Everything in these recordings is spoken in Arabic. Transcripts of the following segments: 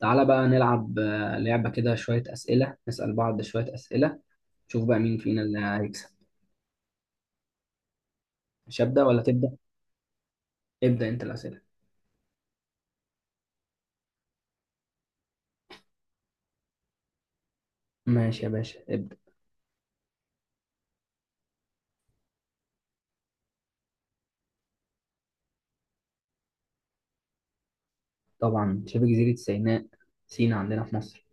تعالى بقى نلعب لعبة كده شوية أسئلة، نسأل بعض شوية أسئلة، نشوف بقى مين فينا اللي هيكسب. مش هبدأ ولا تبدأ؟ ابدأ أنت الأسئلة. ماشي يا باشا، ابدأ. طبعا شبه جزيرة سيناء، سينا عندنا في مصر.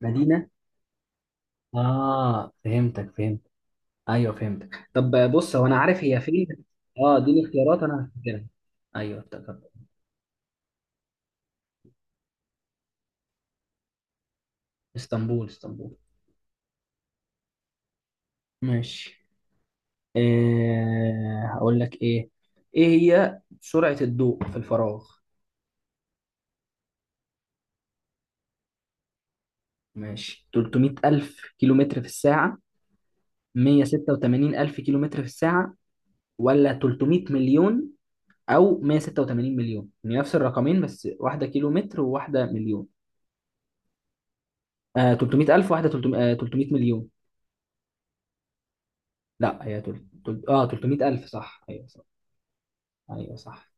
مدينة؟ آه فهمتك، فهمت. أيوه فهمتك. طب بص هو أنا عارف هي فين. آه اديني اختيارات، أنا هفتكرها. أيوه افتكرت. اسطنبول، اسطنبول. ماشي. هقول لك إيه هي سرعة الضوء في الفراغ؟ ماشي، 300 ألف كيلو متر في الساعة، 186 ألف كيلو متر في الساعة، ولا 300 مليون، أو 186 مليون؟ يعني نفس الرقمين، بس واحدة كيلو متر وواحدة مليون. 300 ألف، واحدة 300 300 مليون. لا هي تل... تل... اه 300 ألف، صح، أيوه صح. أيوه صح.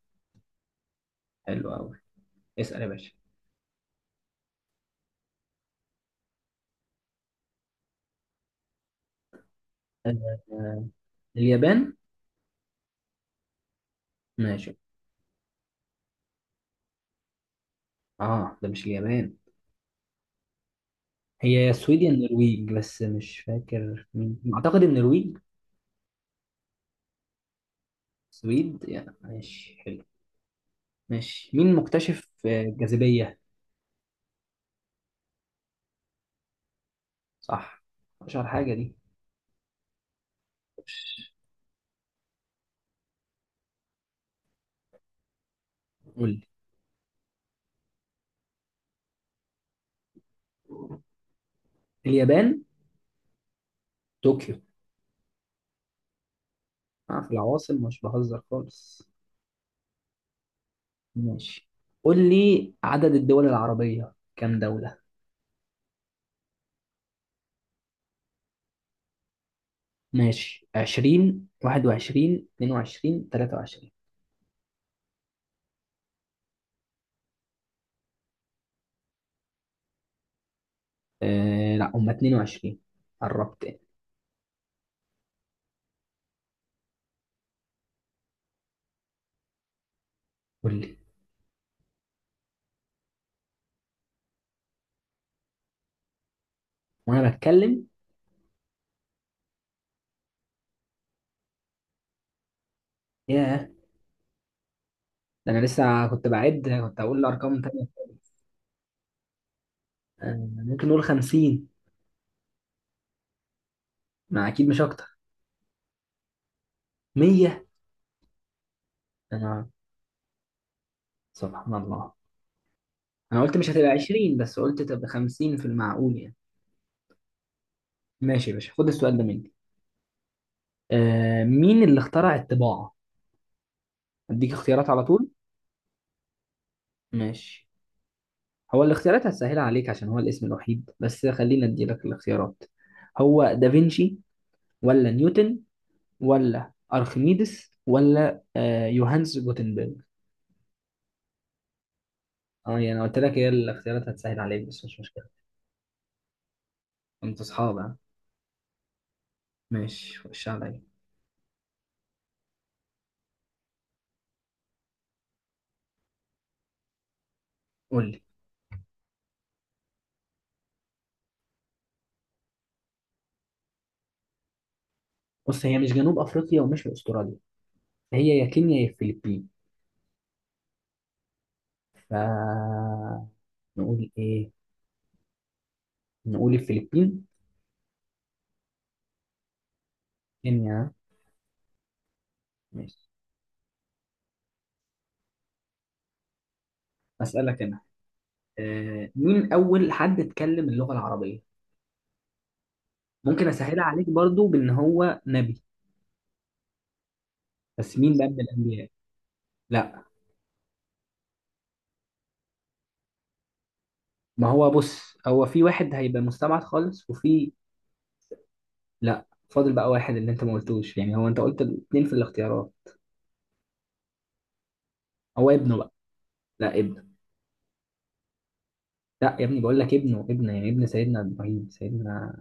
حلو أوي. اسأل يا باشا. آه آه، اليابان. ماشي. اه ده مش اليابان. هي يا السويد يا النرويج، بس مش فاكر مين، أعتقد النرويج. سويد يعني. ماشي حلو. ماشي، مين مكتشف الجاذبية؟ صح. اشهر حاجة دي. قول لي. اليابان. طوكيو. أنا في العواصم مش بهزر خالص. ماشي. قول لي عدد الدول العربية كام دولة. ماشي، 20، 21، 22، 23؟ آه لا، هم 22. قربت يعني. قول لي. وانا بتكلم؟ ياه. ده انا لسه كنت بعد، كنت هقول ارقام تانية. ممكن نقول 50. ما اكيد مش اكتر. 100؟ انا، سبحان الله. انا قلت مش هتبقى 20، بس قلت تبقى 50، في المعقول يعني. ماشي يا باشا، خد السؤال ده مني. مين اللي اخترع الطباعة؟ اديك اختيارات على طول. ماشي. هو الاختيارات هتسهلها عليك عشان هو الاسم الوحيد، بس خلينا ادي لك الاختيارات. هو دافنشي، ولا نيوتن، ولا ارخميدس، ولا يوهانس جوتنبرج. اه يعني انا قلت لك هي الاختيارات هتسهل عليك، بس مش مشكلة. انت اصحاب، ها؟ ماشي، خش عليا. قول لي. بص هي مش جنوب افريقيا ومش استراليا. هي يا كينيا يا الفلبين. ف نقول ايه، نقول الفلبين. كينيا، ها؟ ماشي. اسالك انا. مين اول حد اتكلم اللغه العربيه؟ ممكن اسهلها عليك برضو بان هو نبي. بس مين بقى من الانبياء؟ لا. ما هو بص، هو في واحد هيبقى مستبعد خالص، وفي. لا، فاضل بقى واحد اللي انت ما قلتوش، يعني هو انت قلت الاثنين في الاختيارات. هو ابنه بقى. لا، ابنه. لا يا ابني، بقول لك ابنه، ابنه يعني ابن سيدنا ابراهيم، سيدنا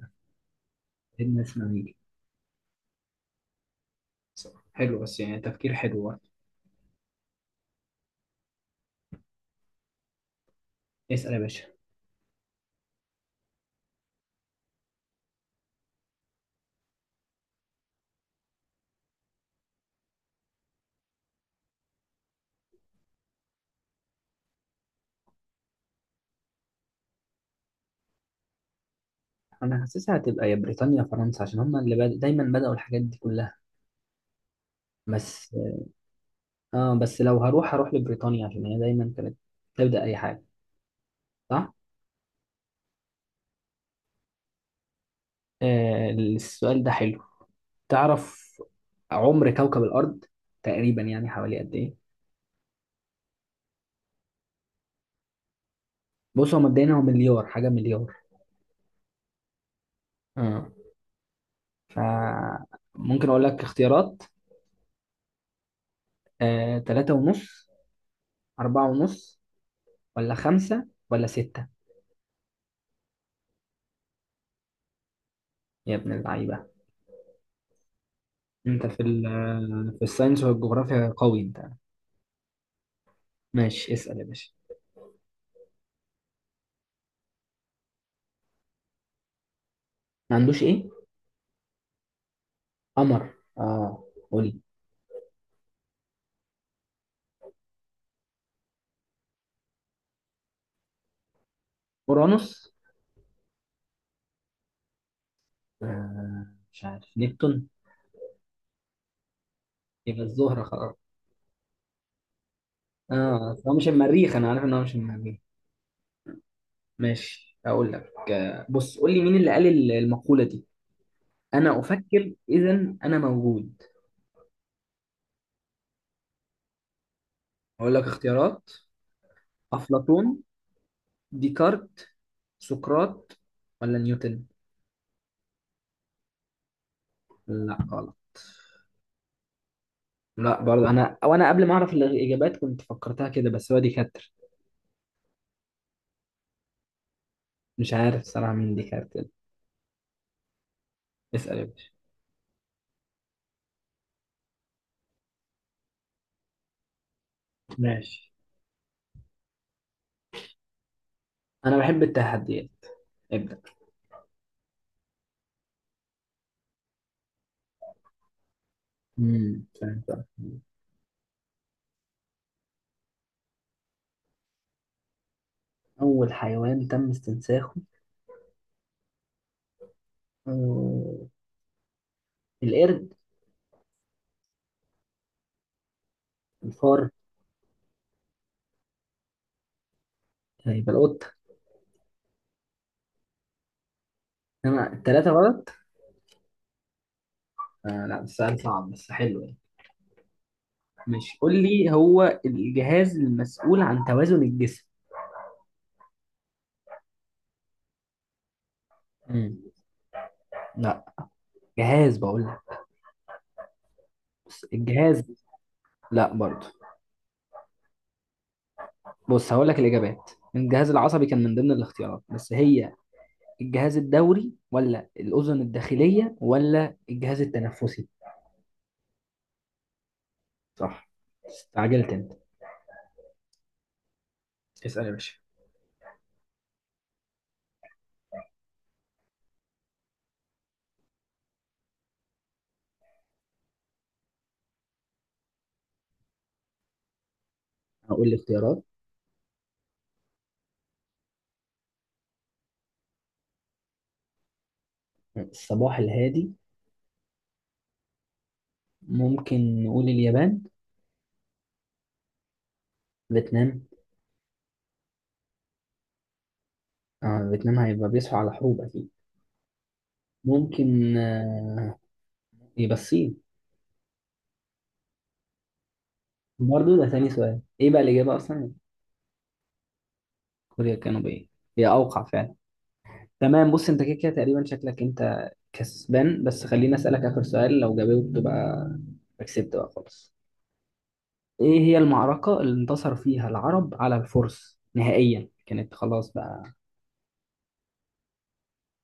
سيدنا اسماعيل. حلو، بس يعني تفكير حلو. اسال يا باشا. انا حاسسها هتبقى يا بريطانيا يا فرنسا، عشان هما اللي دايما بدأوا الحاجات دي كلها. بس. اه، بس لو هروح، هروح لبريطانيا عشان هي دايما كانت تبدأ اي حاجة. صح. السؤال ده حلو. تعرف عمر كوكب الأرض تقريبا، يعني حوالي قد ايه؟ بص هو مبدئيا هو مليار، حاجة مليار. اه. ف ممكن اقول لك اختيارات. تلاتة ونص، أربعة ونص، ولا خمسة، ولا ستة؟ يا ابن اللعيبة. انت في في الساينس والجغرافيا قوي انت. ماشي، اسأل يا باشا. ما عندوش ايه؟ قمر. اه قولي. اورانوس. آه مش عارف. نبتون؟ يبقى الزهرة خلاص. اه هو مش المريخ، انا عارف ان هو مش المريخ. ماشي، اقول لك. بص قول لي مين اللي قال المقولة دي: انا افكر اذا انا موجود؟ اقول لك اختيارات. افلاطون، ديكارت، سقراط، ولا نيوتن؟ لا غلط. لا برضه. انا وانا قبل ما اعرف الاجابات كنت فكرتها كده، بس هو ديكارت. مش عارف صراحة مين ديكارت. اسأل يا باشا. ماشي. أنا بحب التحديات، ابدأ. فهمت. أول حيوان تم استنساخه. آه، القرد. الفار. يبقى القطة. أنا التلاتة غلط. آه لا، السؤال صعب بس حلو يعني. ماشي، قول لي هو الجهاز المسؤول عن توازن الجسم. امم. لا، جهاز بقول لك. بس الجهاز. لا برضه. بص هقول لك الإجابات. الجهاز العصبي كان من ضمن الاختيارات، بس هي: الجهاز الدوري، ولا الأذن الداخلية، ولا الجهاز التنفسي؟ صح. استعجلت انت. اسأل يا باشا. هقول الاختيارات. الصباح الهادي. ممكن نقول اليابان. فيتنام. اه فيتنام هيبقى بيصحوا على حروب اكيد. ممكن يبقى الصين. برضه؟ ده ثاني سؤال، ايه بقى الإجابة أصلا؟ كوريا الجنوبية. هي أوقع فعلا. تمام. بص انت كده كده تقريبا شكلك انت كسبان، بس خليني أسألك آخر سؤال، لو جاوبت بقى كسبت بقى خلاص. إيه هي المعركة اللي انتصر فيها العرب على الفرس نهائيا كانت خلاص بقى؟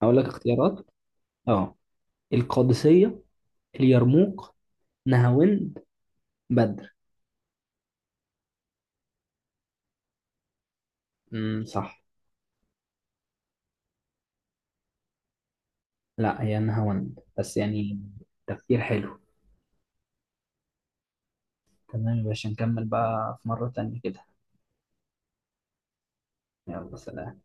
هقول لك اختيارات. اه. القادسية، اليرموك، نهاوند، بدر. صح. لا، هي نهاوند بس يعني. تفكير حلو. تمام يا باشا، نكمل بقى في مرة تانية كده. يلا سلام.